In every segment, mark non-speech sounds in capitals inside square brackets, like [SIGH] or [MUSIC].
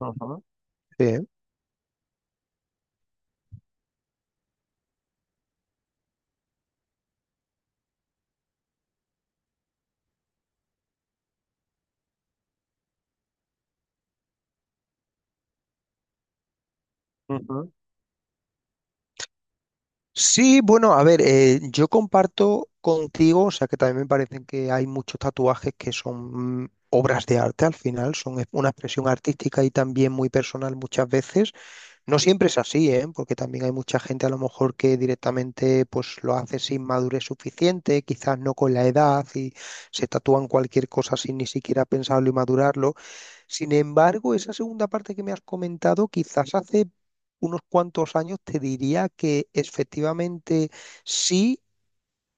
Ujú. Bien. Ujú. Sí, bueno, a ver, yo comparto contigo, o sea que también me parecen que hay muchos tatuajes que son obras de arte al final, son una expresión artística y también muy personal muchas veces. No siempre es así, ¿eh? Porque también hay mucha gente a lo mejor que directamente pues lo hace sin madurez suficiente, quizás no con la edad y se tatúan cualquier cosa sin ni siquiera pensarlo y madurarlo. Sin embargo, esa segunda parte que me has comentado, quizás hace unos cuantos años te diría que efectivamente sí,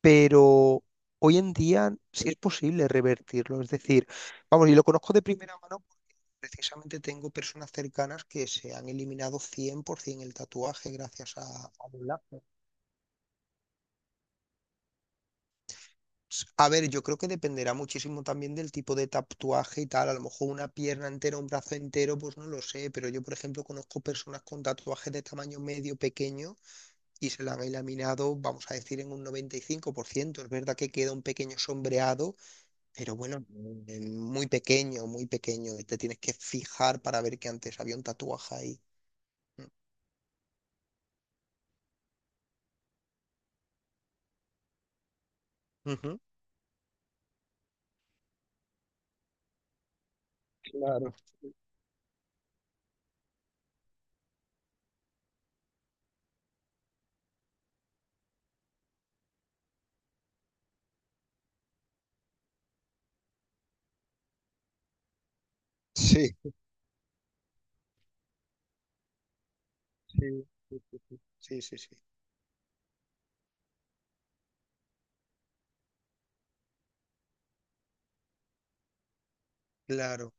pero hoy en día sí es posible revertirlo. Es decir, vamos, y lo conozco de primera mano porque precisamente tengo personas cercanas que se han eliminado 100% el tatuaje gracias a los. A ver, yo creo que dependerá muchísimo también del tipo de tatuaje y tal. A lo mejor una pierna entera, un brazo entero, pues no lo sé. Pero yo, por ejemplo, conozco personas con tatuajes de tamaño medio pequeño y se la han eliminado, vamos a decir, en un 95%. Es verdad que queda un pequeño sombreado, pero bueno, muy pequeño, muy pequeño. Te tienes que fijar para ver que antes había un tatuaje ahí. Ujú. Claro, sí, sí, sí, sí, sí, sí, sí, sí. Claro.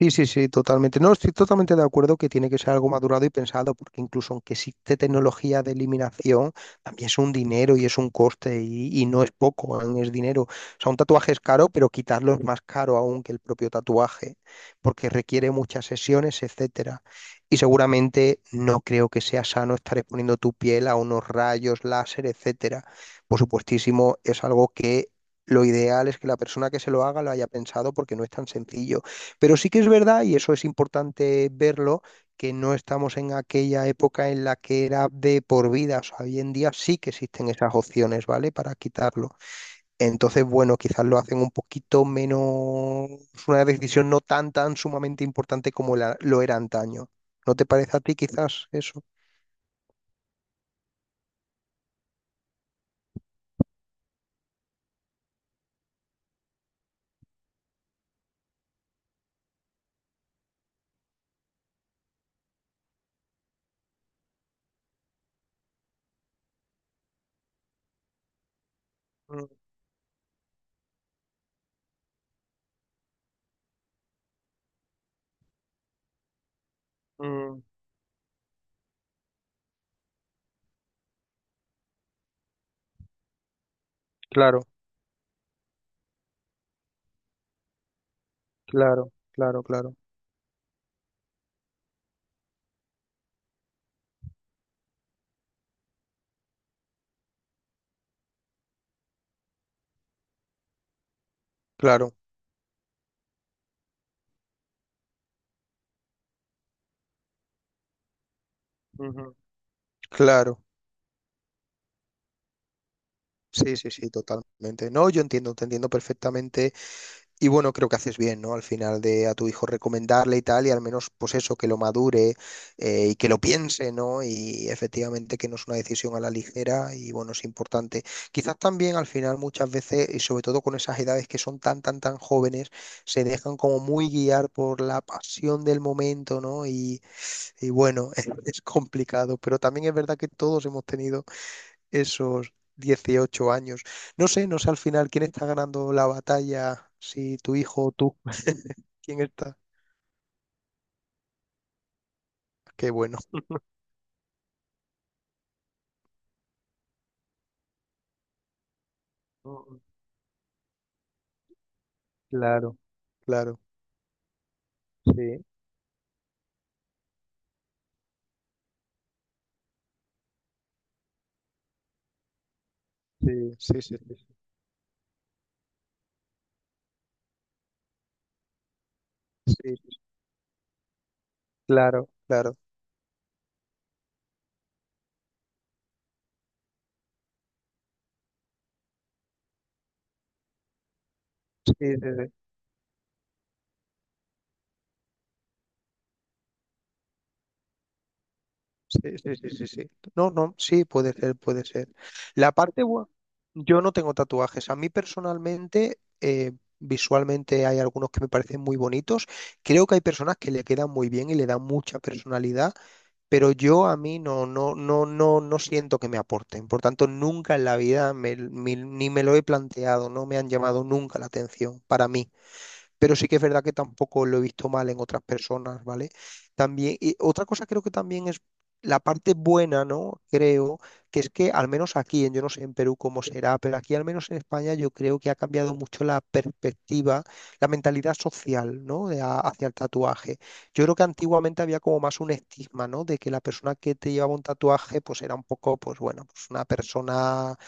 Sí, sí, sí, totalmente. No, estoy totalmente de acuerdo que tiene que ser algo madurado y pensado, porque incluso aunque existe tecnología de eliminación, también es un dinero y es un coste y no es poco, aún es dinero. O sea, un tatuaje es caro, pero quitarlo es más caro aún que el propio tatuaje, porque requiere muchas sesiones, etcétera. Y seguramente no creo que sea sano estar exponiendo tu piel a unos rayos láser, etcétera. Por supuestísimo, es algo que lo ideal es que la persona que se lo haga lo haya pensado porque no es tan sencillo. Pero sí que es verdad, y eso es importante verlo, que no estamos en aquella época en la que era de por vida. O sea, hoy en día sí que existen esas opciones, ¿vale? Para quitarlo. Entonces, bueno, quizás lo hacen un poquito menos, una decisión no tan, tan sumamente importante como lo era antaño. ¿No te parece a ti quizás eso? Mm, mm, claro, claro, claro, claro, claro. Ujú, claro, sí, sí, sí, totalmente. No, yo entiendo, te entiendo perfectamente. Y bueno, creo que haces bien, ¿no? Al final de a tu hijo recomendarle y tal, y al menos pues eso, que lo madure y que lo piense, ¿no? Y efectivamente que no es una decisión a la ligera y bueno, es importante. Quizás también al final muchas veces, y sobre todo con esas edades que son tan, tan, tan jóvenes, se dejan como muy guiar por la pasión del momento, ¿no? Y bueno, [LAUGHS] es complicado, pero también es verdad que todos hemos tenido esos 18 años. No sé, no sé al final quién está ganando la batalla, si tu hijo o tú. ¿Quién está? Qué bueno. Mm, claro, claro. Sí, sí, sí, sí, sí, sí, sí, claro, claro. Sí, sí, sí, sí, sí, sí, sí, sí. No, no, sí, puede ser, puede ser. La parte buena, yo no tengo tatuajes. A mí personalmente, visualmente hay algunos que me parecen muy bonitos. Creo que hay personas que le quedan muy bien y le dan mucha personalidad. Pero yo a mí no, no, no, no, no siento que me aporten. Por tanto, nunca en la vida ni me lo he planteado, no me han llamado nunca la atención para mí, pero sí que es verdad que tampoco lo he visto mal en otras personas, ¿vale? También, y otra cosa creo que también es la parte buena, ¿no? Creo que es que al menos aquí, yo no sé en Perú cómo será, pero aquí al menos en España yo creo que ha cambiado mucho la perspectiva, la mentalidad social, ¿no? De hacia el tatuaje. Yo creo que antiguamente había como más un estigma, ¿no? De que la persona que te llevaba un tatuaje, pues era un poco, pues bueno, pues una persona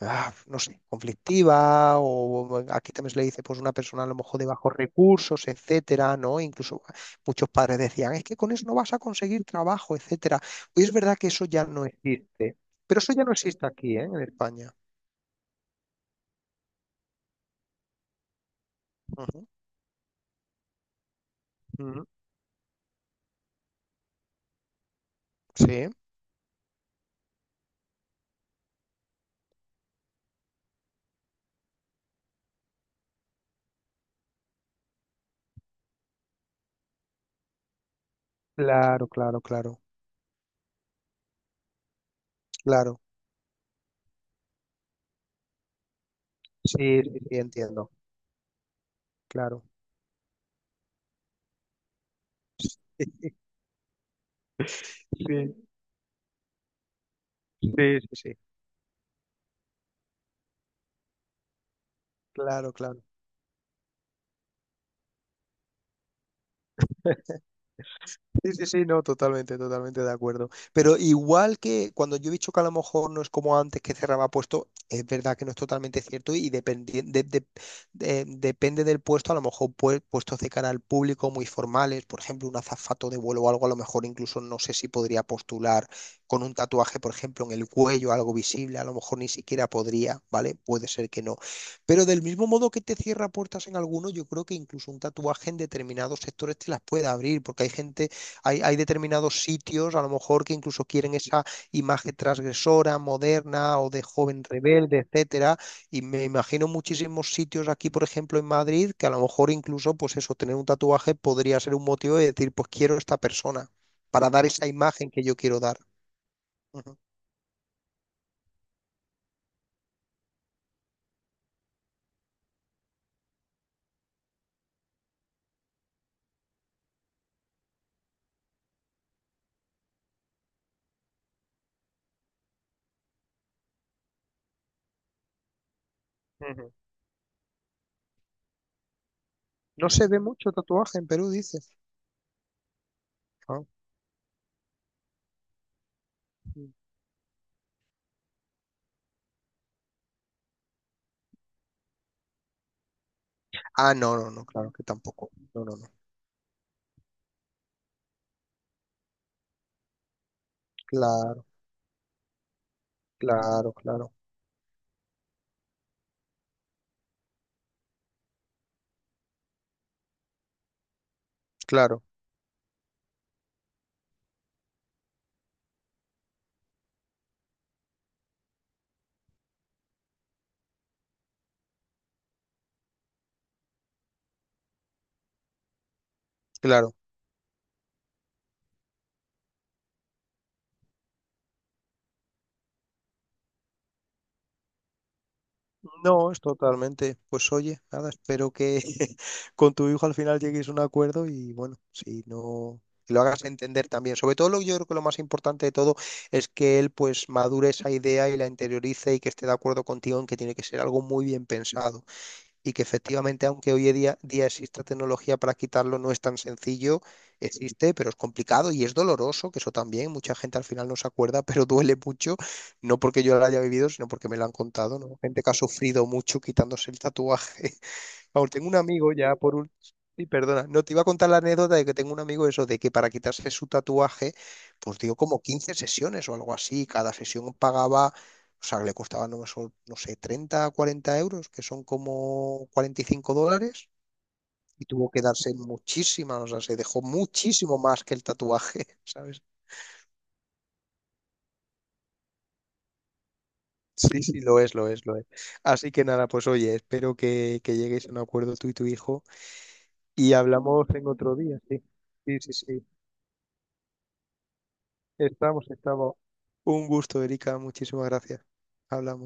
no sé, conflictiva, o aquí también se le dice, pues una persona a lo mejor de bajos recursos, etcétera, ¿no? Incluso muchos padres decían, es que con eso no vas a conseguir trabajo, etcétera. Hoy es verdad que eso ya no existe, pero eso ya no existe aquí, ¿eh? En España. Ujú, ujú. Sí, claro, claro, claro, claro. Sí, sí, sí, entiendo, claro. [LAUGHS] Sí, sí, sí, sí, claro, claro. Sí, sí, sí, no, totalmente, totalmente de acuerdo. Pero igual que cuando yo he dicho que a lo mejor no es como antes que cerraba puesto, es verdad que no es totalmente cierto y depende del puesto, a lo mejor puestos de cara al público muy formales, por ejemplo, un azafato de vuelo o algo, a lo mejor incluso no sé si podría postular con un tatuaje, por ejemplo, en el cuello, algo visible, a lo mejor ni siquiera podría, ¿vale? Puede ser que no. Pero del mismo modo que te cierra puertas en algunos, yo creo que incluso un tatuaje en determinados sectores te las puede abrir, porque hay gente, hay determinados sitios, a lo mejor, que incluso quieren esa imagen transgresora, moderna o de joven rebelde, etcétera. Y me imagino muchísimos sitios aquí, por ejemplo, en Madrid, que a lo mejor incluso, pues eso, tener un tatuaje podría ser un motivo de decir, pues quiero esta persona, para dar esa imagen que yo quiero dar. Ujú, ujú. No se ve mucho tatuaje en Perú, dices. Ah, mm. Ah, no, no, no, claro que tampoco. No, no, no. Claro, claro, claro, claro, claro. No, es totalmente. Pues oye, nada, espero que [LAUGHS] con tu hijo al final llegues a un acuerdo y bueno, si no, que lo hagas entender también. Sobre todo lo, yo creo que lo más importante de todo es que él pues madure esa idea y la interiorice y que esté de acuerdo contigo en que tiene que ser algo muy bien pensado y que efectivamente, aunque hoy en día exista tecnología para quitarlo, no es tan sencillo, existe, pero es complicado y es doloroso, que eso también, mucha gente al final no se acuerda, [LAUGHS] pero duele mucho, no porque yo lo haya vivido, sino porque me lo han contado, ¿no? Gente que ha sufrido mucho quitándose el tatuaje. Paul, tengo un amigo ya por último. Sí, perdona. No te iba a contar la anécdota de que tengo un amigo eso, de que para quitarse su tatuaje, pues dio como 15 sesiones o algo así. Cada sesión pagaba, o sea, le costaba, no, no sé, 30, 40 euros, que son como 45 dólares. Y tuvo que darse muchísimas, o sea, se dejó muchísimo más que el tatuaje, [LAUGHS] ¿sabes? Sí, sí, lo es, lo es, lo es. Así que nada, pues oye, espero que lleguéis a un acuerdo tú y tu hijo y hablamos en otro día, sí. Sí, sí, sí. Estamos, estamos. Un gusto, Erika. Muchísimas gracias. Hablamos.